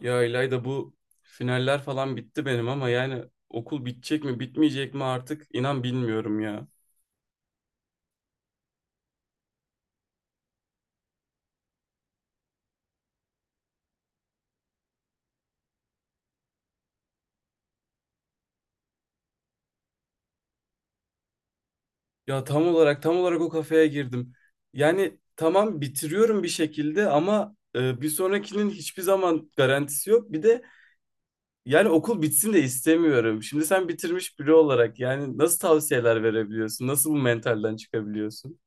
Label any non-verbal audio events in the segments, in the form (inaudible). Ya İlayda bu finaller falan bitti benim ama yani okul bitecek mi bitmeyecek mi artık inan bilmiyorum ya. Ya tam olarak o kafeye girdim. Yani tamam bitiriyorum bir şekilde ama bir sonrakinin hiçbir zaman garantisi yok. Bir de yani okul bitsin de istemiyorum. Şimdi sen bitirmiş biri olarak yani nasıl tavsiyeler verebiliyorsun? Nasıl bu mentalden çıkabiliyorsun?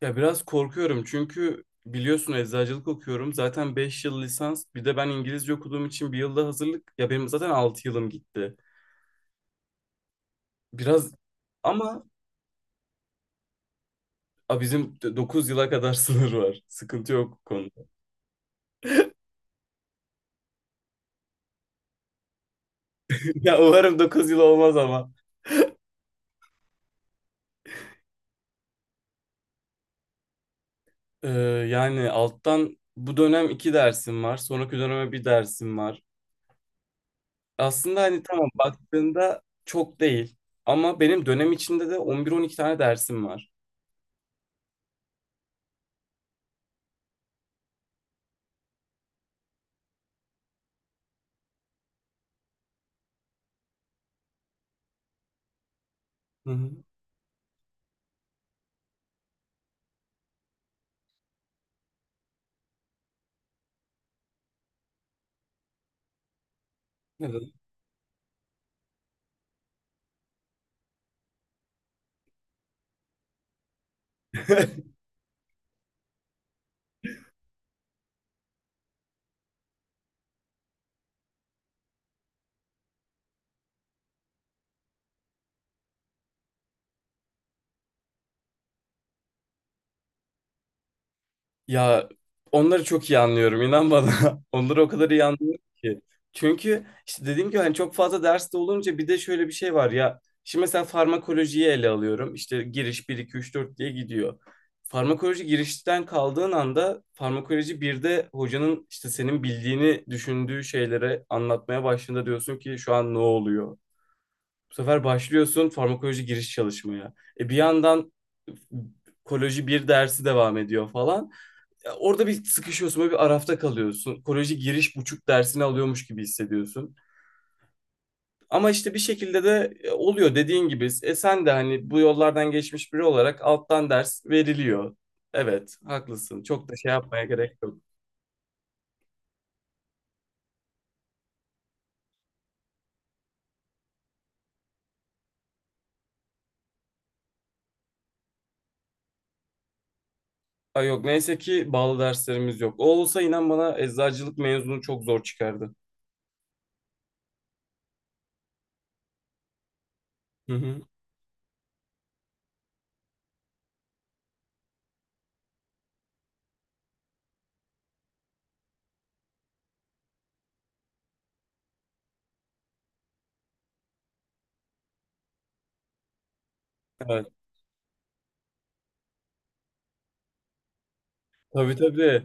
Ya biraz korkuyorum çünkü biliyorsun eczacılık okuyorum. Zaten 5 yıl lisans bir de ben İngilizce okuduğum için bir yılda hazırlık. Ya benim zaten 6 yılım gitti. Biraz ama bizim 9 yıla kadar (laughs) sınır var. Sıkıntı yok bu konuda. (laughs) Ya umarım 9 yıl olmaz ama. Ee, yani alttan bu dönem 2 dersim var. Sonraki döneme bir dersim var. Aslında hani tamam baktığında çok değil. Ama benim dönem içinde de on bir on iki tane dersim var. Hı hı. Neden? (laughs) Ya onları çok iyi anlıyorum inan bana. (laughs) Onları o kadar iyi anlıyorum ki. Çünkü işte dediğim gibi hani çok fazla derste olunca bir de şöyle bir şey var ya. Şimdi mesela farmakolojiyi ele alıyorum. İşte giriş bir 2 3 4 diye gidiyor. Farmakoloji girişten kaldığın anda farmakoloji bir de hocanın işte senin bildiğini düşündüğü şeylere anlatmaya başladığında diyorsun ki şu an ne oluyor? Bu sefer başlıyorsun farmakoloji giriş çalışmaya. E bir yandan koloji bir dersi devam ediyor falan ya orada bir sıkışıyorsun, böyle bir arafta kalıyorsun. Koleji giriş buçuk dersini alıyormuş gibi hissediyorsun. Ama işte bir şekilde de oluyor dediğin gibi. E sen de hani bu yollardan geçmiş biri olarak alttan ders veriliyor. Evet, haklısın. Çok da şey yapmaya gerek yok. Ay yok neyse ki bağlı derslerimiz yok. O olsa inan bana eczacılık mezunu çok zor çıkardı. Hı hı. Evet. Tabii tabii.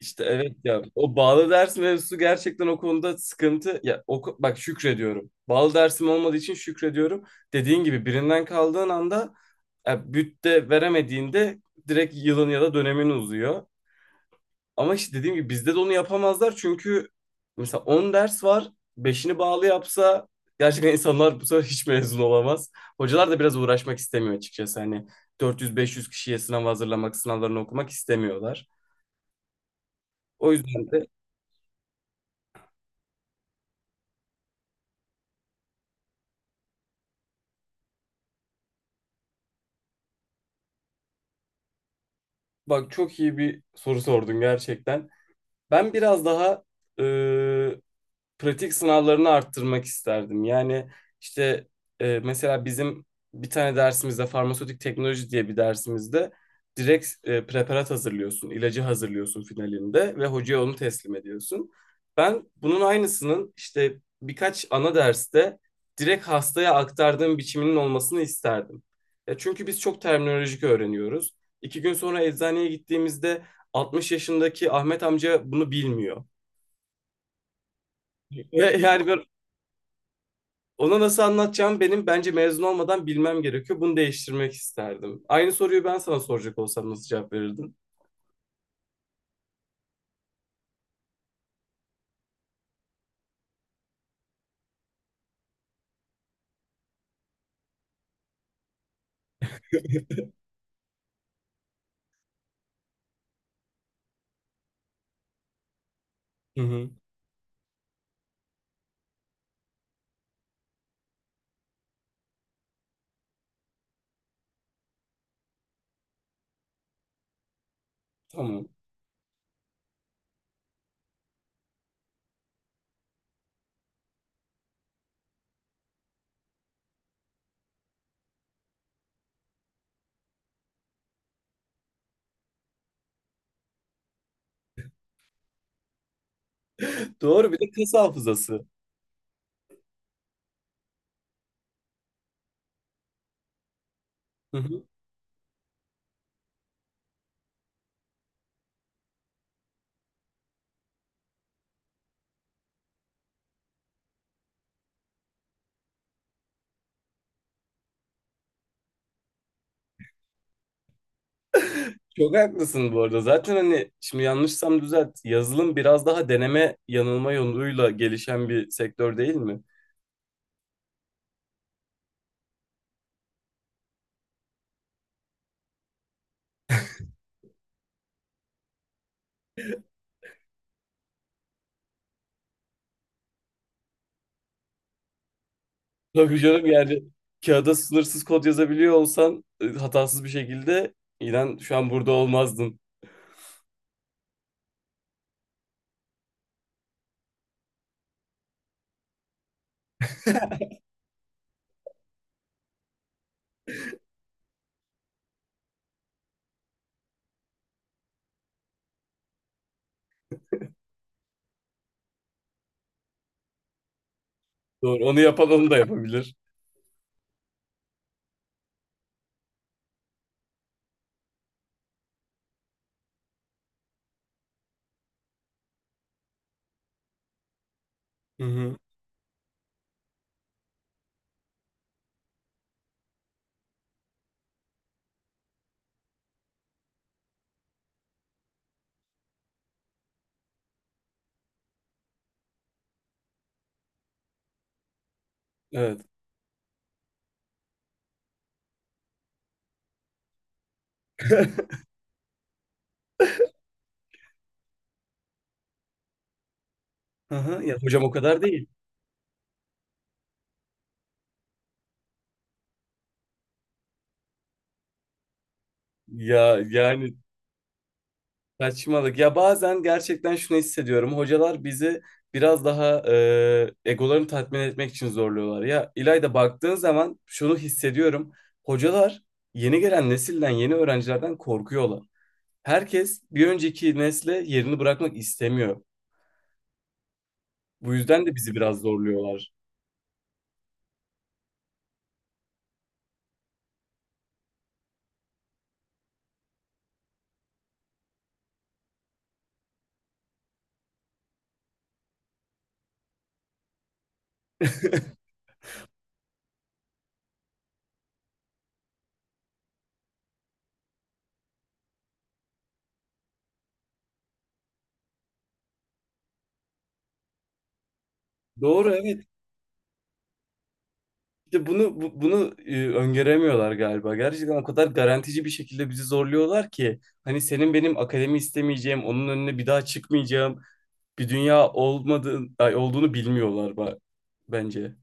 İşte evet ya o bağlı ders mevzusu gerçekten o konuda sıkıntı. Ya oku, bak şükrediyorum. Bağlı dersim olmadığı için şükrediyorum. Dediğin gibi birinden kaldığın anda ya, bütte veremediğinde direkt yılın ya da dönemin uzuyor. Ama işte dediğim gibi bizde de onu yapamazlar çünkü mesela 10 ders var. Beşini bağlı yapsa gerçekten insanlar bu sefer hiç mezun olamaz. Hocalar da biraz uğraşmak istemiyor açıkçası. Hani 400-500 kişiye sınav hazırlamak, sınavlarını okumak istemiyorlar. O yüzden de bak çok iyi bir soru sordun gerçekten. Ben biraz daha e, pratik sınavlarını arttırmak isterdim. Yani işte mesela bizim bir tane dersimizde farmasötik teknoloji diye bir dersimizde direkt preparat hazırlıyorsun, ilacı hazırlıyorsun finalinde ve hocaya onu teslim ediyorsun. Ben bunun aynısının işte birkaç ana derste direkt hastaya aktardığım biçiminin olmasını isterdim. Ya çünkü biz çok terminolojik öğreniyoruz. İki gün sonra eczaneye gittiğimizde 60 yaşındaki Ahmet amca bunu bilmiyor. Ve yani ben ona nasıl anlatacağım benim bence mezun olmadan bilmem gerekiyor. Bunu değiştirmek isterdim. Aynı soruyu ben sana soracak olsam nasıl cevap verirdin? (laughs) Hı hı. Tamam. Doğru bir de kas hafızası. Hı hı. Çok haklısın bu arada. Zaten hani şimdi yanlışsam düzelt. Yazılım biraz daha deneme yanılma yoluyla gelişen bir sektör değil mi? Tabii canım yani kağıda sınırsız kod yazabiliyor olsan hatasız bir şekilde inan şu an burada olmazdın. Doğru. Onu yapan onu da yapabilir. Hı hı. Evet. (laughs) Hı hı ya hocam o kadar değil. Ya yani saçmalık. Ya bazen gerçekten şunu hissediyorum. Hocalar bizi biraz daha egolarını tatmin etmek için zorluyorlar. Ya İlayda baktığın zaman şunu hissediyorum. Hocalar yeni gelen nesilden, yeni öğrencilerden korkuyorlar. Herkes bir önceki nesle yerini bırakmak istemiyor. Bu yüzden de bizi biraz zorluyorlar. (laughs) Doğru evet. İşte bunu öngöremiyorlar galiba. Gerçekten o kadar garantici bir şekilde bizi zorluyorlar ki hani senin benim akademi istemeyeceğim, onun önüne bir daha çıkmayacağım bir dünya olduğunu bilmiyorlar bence.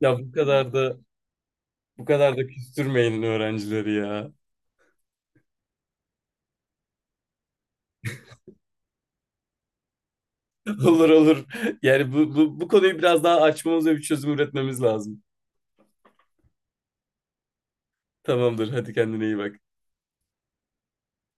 Ya bu kadar da, bu kadar da küstürmeyin öğrencileri ya. (laughs) Olur olur. Yani bu konuyu biraz daha açmamız ve bir çözüm üretmemiz lazım. Tamamdır. Hadi kendine iyi bak.